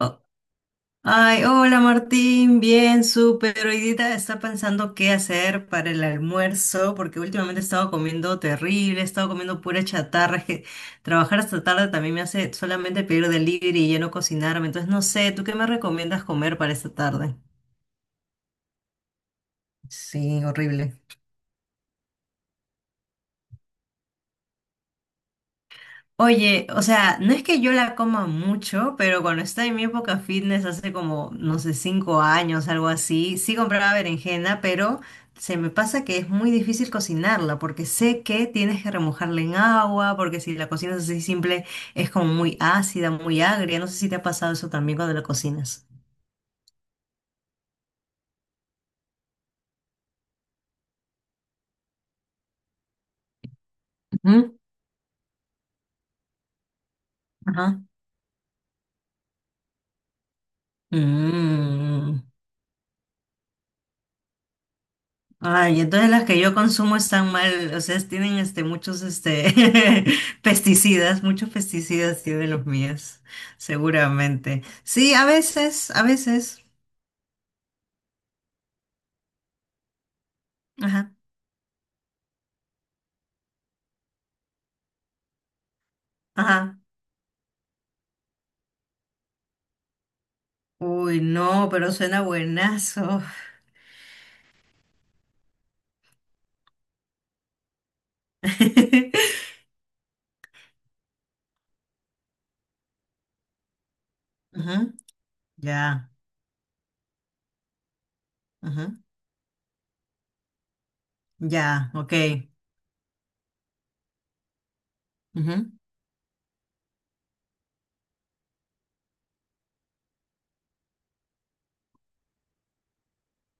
Oh, ay, hola Martín, bien, súper. Hoy día está pensando qué hacer para el almuerzo, porque últimamente he estado comiendo terrible, he estado comiendo pura chatarra. Es que trabajar hasta tarde también me hace solamente pedir delivery y ya no cocinarme. Entonces, no sé, ¿tú qué me recomiendas comer para esta tarde? Sí, horrible. Oye, o sea, no es que yo la coma mucho, pero cuando estaba en mi época fitness hace como, no sé, 5 años, algo así, sí compraba berenjena, pero se me pasa que es muy difícil cocinarla porque sé que tienes que remojarla en agua, porque si la cocinas así simple es como muy ácida, muy agria. No sé si te ha pasado eso también cuando la cocinas. Ujú. Ajá. Mm. Ay, entonces las que yo consumo están mal, o sea, tienen este muchos este pesticidas, muchos pesticidas tienen los míos, seguramente. Sí, a veces, a veces. Ajá, ajá. Uy, no, pero suena buenazo. Ujú, ya, ujú, ya, ok. Ujú,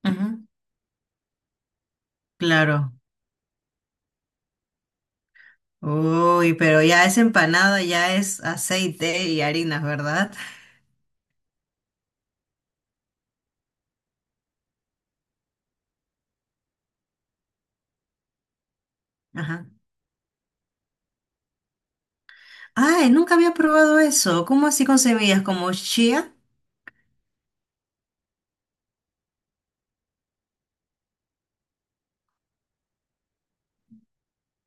ujú, claro. Uy, pero ya es empanada, ya es aceite y harinas, ¿verdad? Ajá. Ay, nunca había probado eso. ¿Cómo así con semillas? ¿Como chía?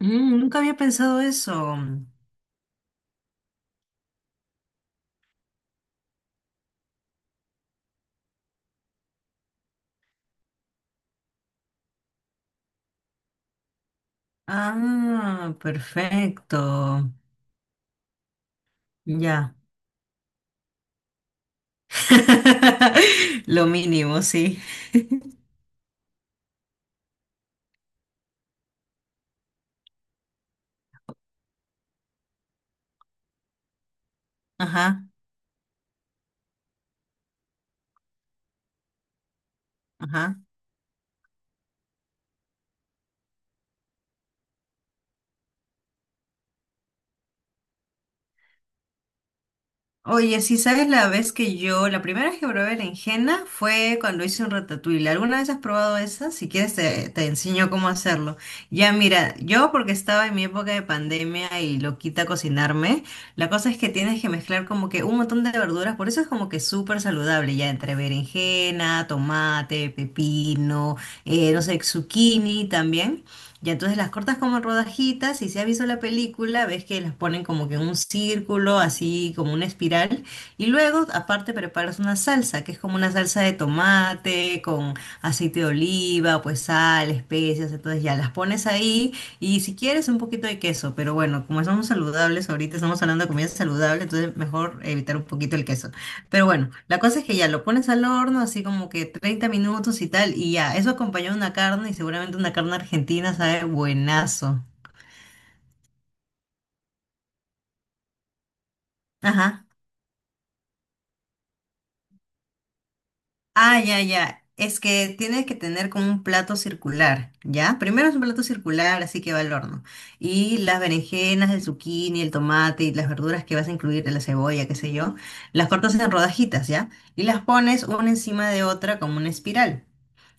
Mm, nunca había pensado eso. Ah, perfecto. Ya. Lo mínimo, sí. Ajá, ajá. Oye, si sabes la vez que yo, la primera vez que probé berenjena fue cuando hice un ratatouille. ¿Alguna vez has probado esa? Si quieres te, te enseño cómo hacerlo. Ya mira, yo porque estaba en mi época de pandemia y lo quita cocinarme, la cosa es que tienes que mezclar como que un montón de verduras, por eso es como que súper saludable, ya entre berenjena, tomate, pepino, no sé, zucchini también. Y entonces las cortas como en rodajitas y si has visto la película, ves que las ponen como que en un círculo, así como una espiral. Y luego, aparte, preparas una salsa, que es como una salsa de tomate con aceite de oliva, pues sal, especias. Entonces ya las pones ahí y si quieres un poquito de queso. Pero bueno, como somos saludables, ahorita estamos hablando de comida saludable, entonces mejor evitar un poquito el queso. Pero bueno, la cosa es que ya lo pones al horno, así como que 30 minutos y tal, y ya, eso acompañó una carne y seguramente una carne argentina sabe buenazo. Ajá. Ah, ya, ya. Es que tienes que tener como un plato circular, ¿ya? Primero es un plato circular, así que va al horno. Y las berenjenas, el zucchini, el tomate y las verduras que vas a incluir, la cebolla, qué sé yo, las cortas en rodajitas, ¿ya? Y las pones una encima de otra como una espiral.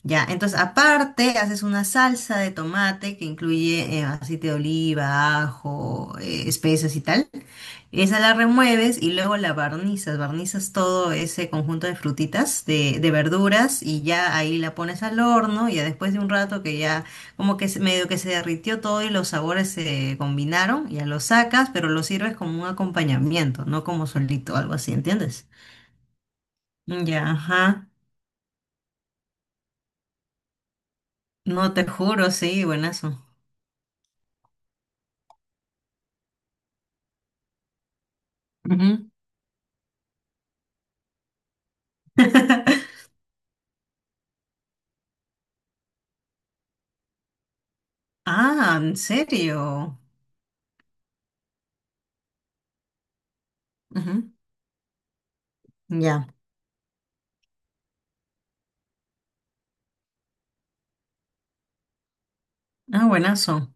Ya, entonces aparte haces una salsa de tomate que incluye aceite de oliva, ajo, especias y tal. Esa la remueves y luego la barnizas, barnizas todo ese conjunto de frutitas, de verduras y ya ahí la pones al horno y ya después de un rato que ya como que se- medio que se derritió todo y los sabores se combinaron, ya lo sacas, pero lo sirves como un acompañamiento, no como solito, algo así, ¿entiendes? Ya, ajá. No te juro, sí, buenazo. Ujú. Ah, ¿en serio? Ujú. Ya. Ah, buenazo.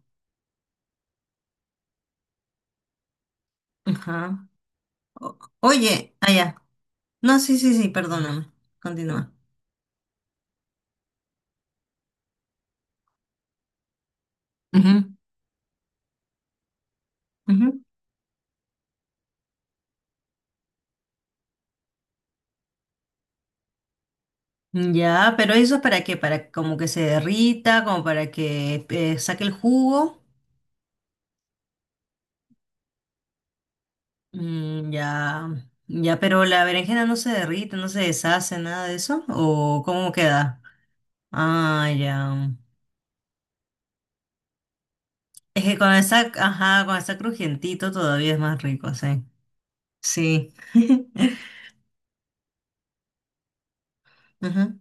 Ajá. O- oye, allá. No, sí, sí, sí, perdóname. Continúa. Ujú, ujú. Ya, pero eso es para qué, para como que se derrita, como para que saque el jugo. Mm, ya, ya, pero la berenjena no se derrite, no se deshace, nada de eso. ¿O cómo queda? Ah, ya. Es que cuando está, ajá, cuando está crujientito todavía es más rico, sí. Sí. Ujú.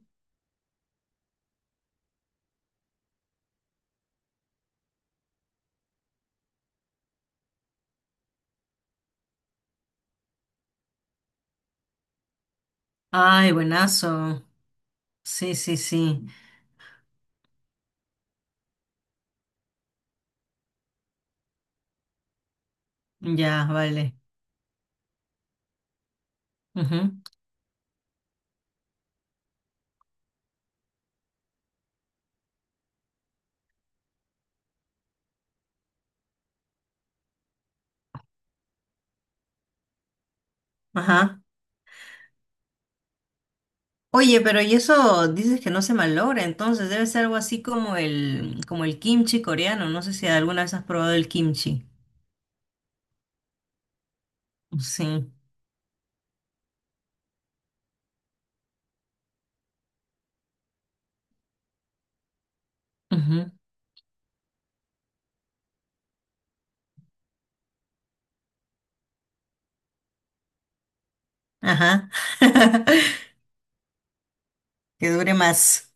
Ay, buenazo. Sí, sí, sí. Ya, vale. Ujú. Ajá. Oye, pero y eso dices que no se malogra, entonces debe ser algo así como el kimchi coreano. No sé si alguna vez has probado el kimchi. Sí. Ujú. Ajá. Que dure más.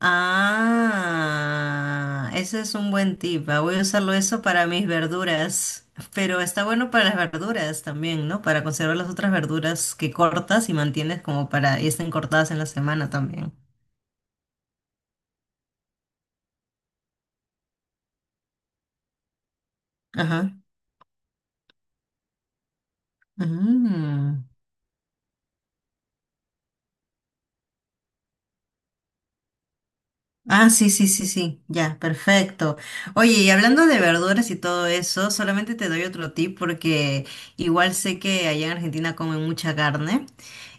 Ah, ese es un buen tip. Ah, voy a usarlo eso para mis verduras. Pero está bueno para las verduras también, ¿no? Para conservar las otras verduras que cortas y mantienes como para y estén cortadas en la semana también. Ajá. Ujú. Ah, sí, sí, sí, sí, ya, perfecto. Oye, y hablando de verduras y todo eso, solamente te doy otro tip porque igual sé que allá en Argentina comen mucha carne,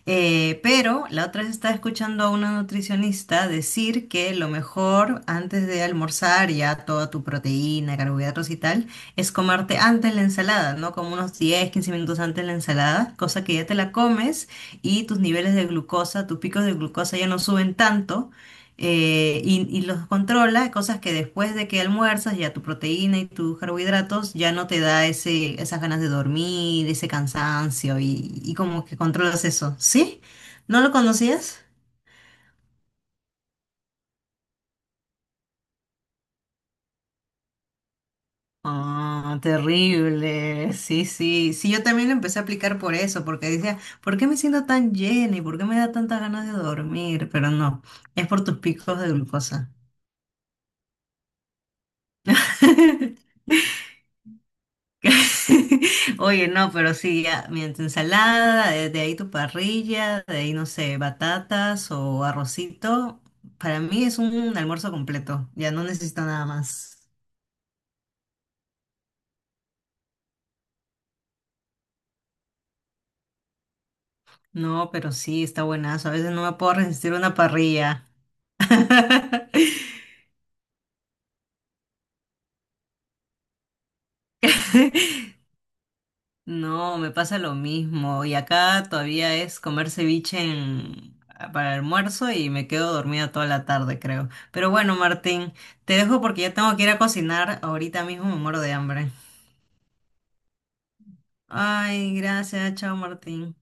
pero la otra vez estaba escuchando a una nutricionista decir que lo mejor antes de almorzar ya toda tu proteína, carbohidratos y tal, es comerte antes la ensalada, ¿no? Como unos 10, 15 minutos antes la ensalada, cosa que ya te la comes y tus niveles de glucosa, tus picos de glucosa ya no suben tanto y los controla, cosas que después de que almuerzas, ya tu proteína y tus carbohidratos ya no te da ese, esas ganas de dormir, ese cansancio y como que controlas eso. ¿Sí? ¿No lo conocías? Ah, terrible. Sí, sí. Sí, yo también lo empecé a aplicar por eso, porque decía, ¿por qué me siento tan llena y por qué me da tantas ganas de dormir? Pero no, es por tus picos de glucosa. Oye, no, pero sí, ya, mira, tu ensalada, de ahí tu parrilla, de ahí, no sé, batatas o arrocito. Para mí es un almuerzo completo, ya no necesito nada más. No, pero sí, está buenazo. A veces no me puedo resistir una parrilla. No, me pasa lo mismo. Y acá todavía es comer ceviche en- ah, para almuerzo y me quedo dormida toda la tarde, creo. Pero bueno, Martín, te dejo porque ya tengo que ir a cocinar. Ahorita mismo me muero de hambre. Ay, gracias. Chao, Martín.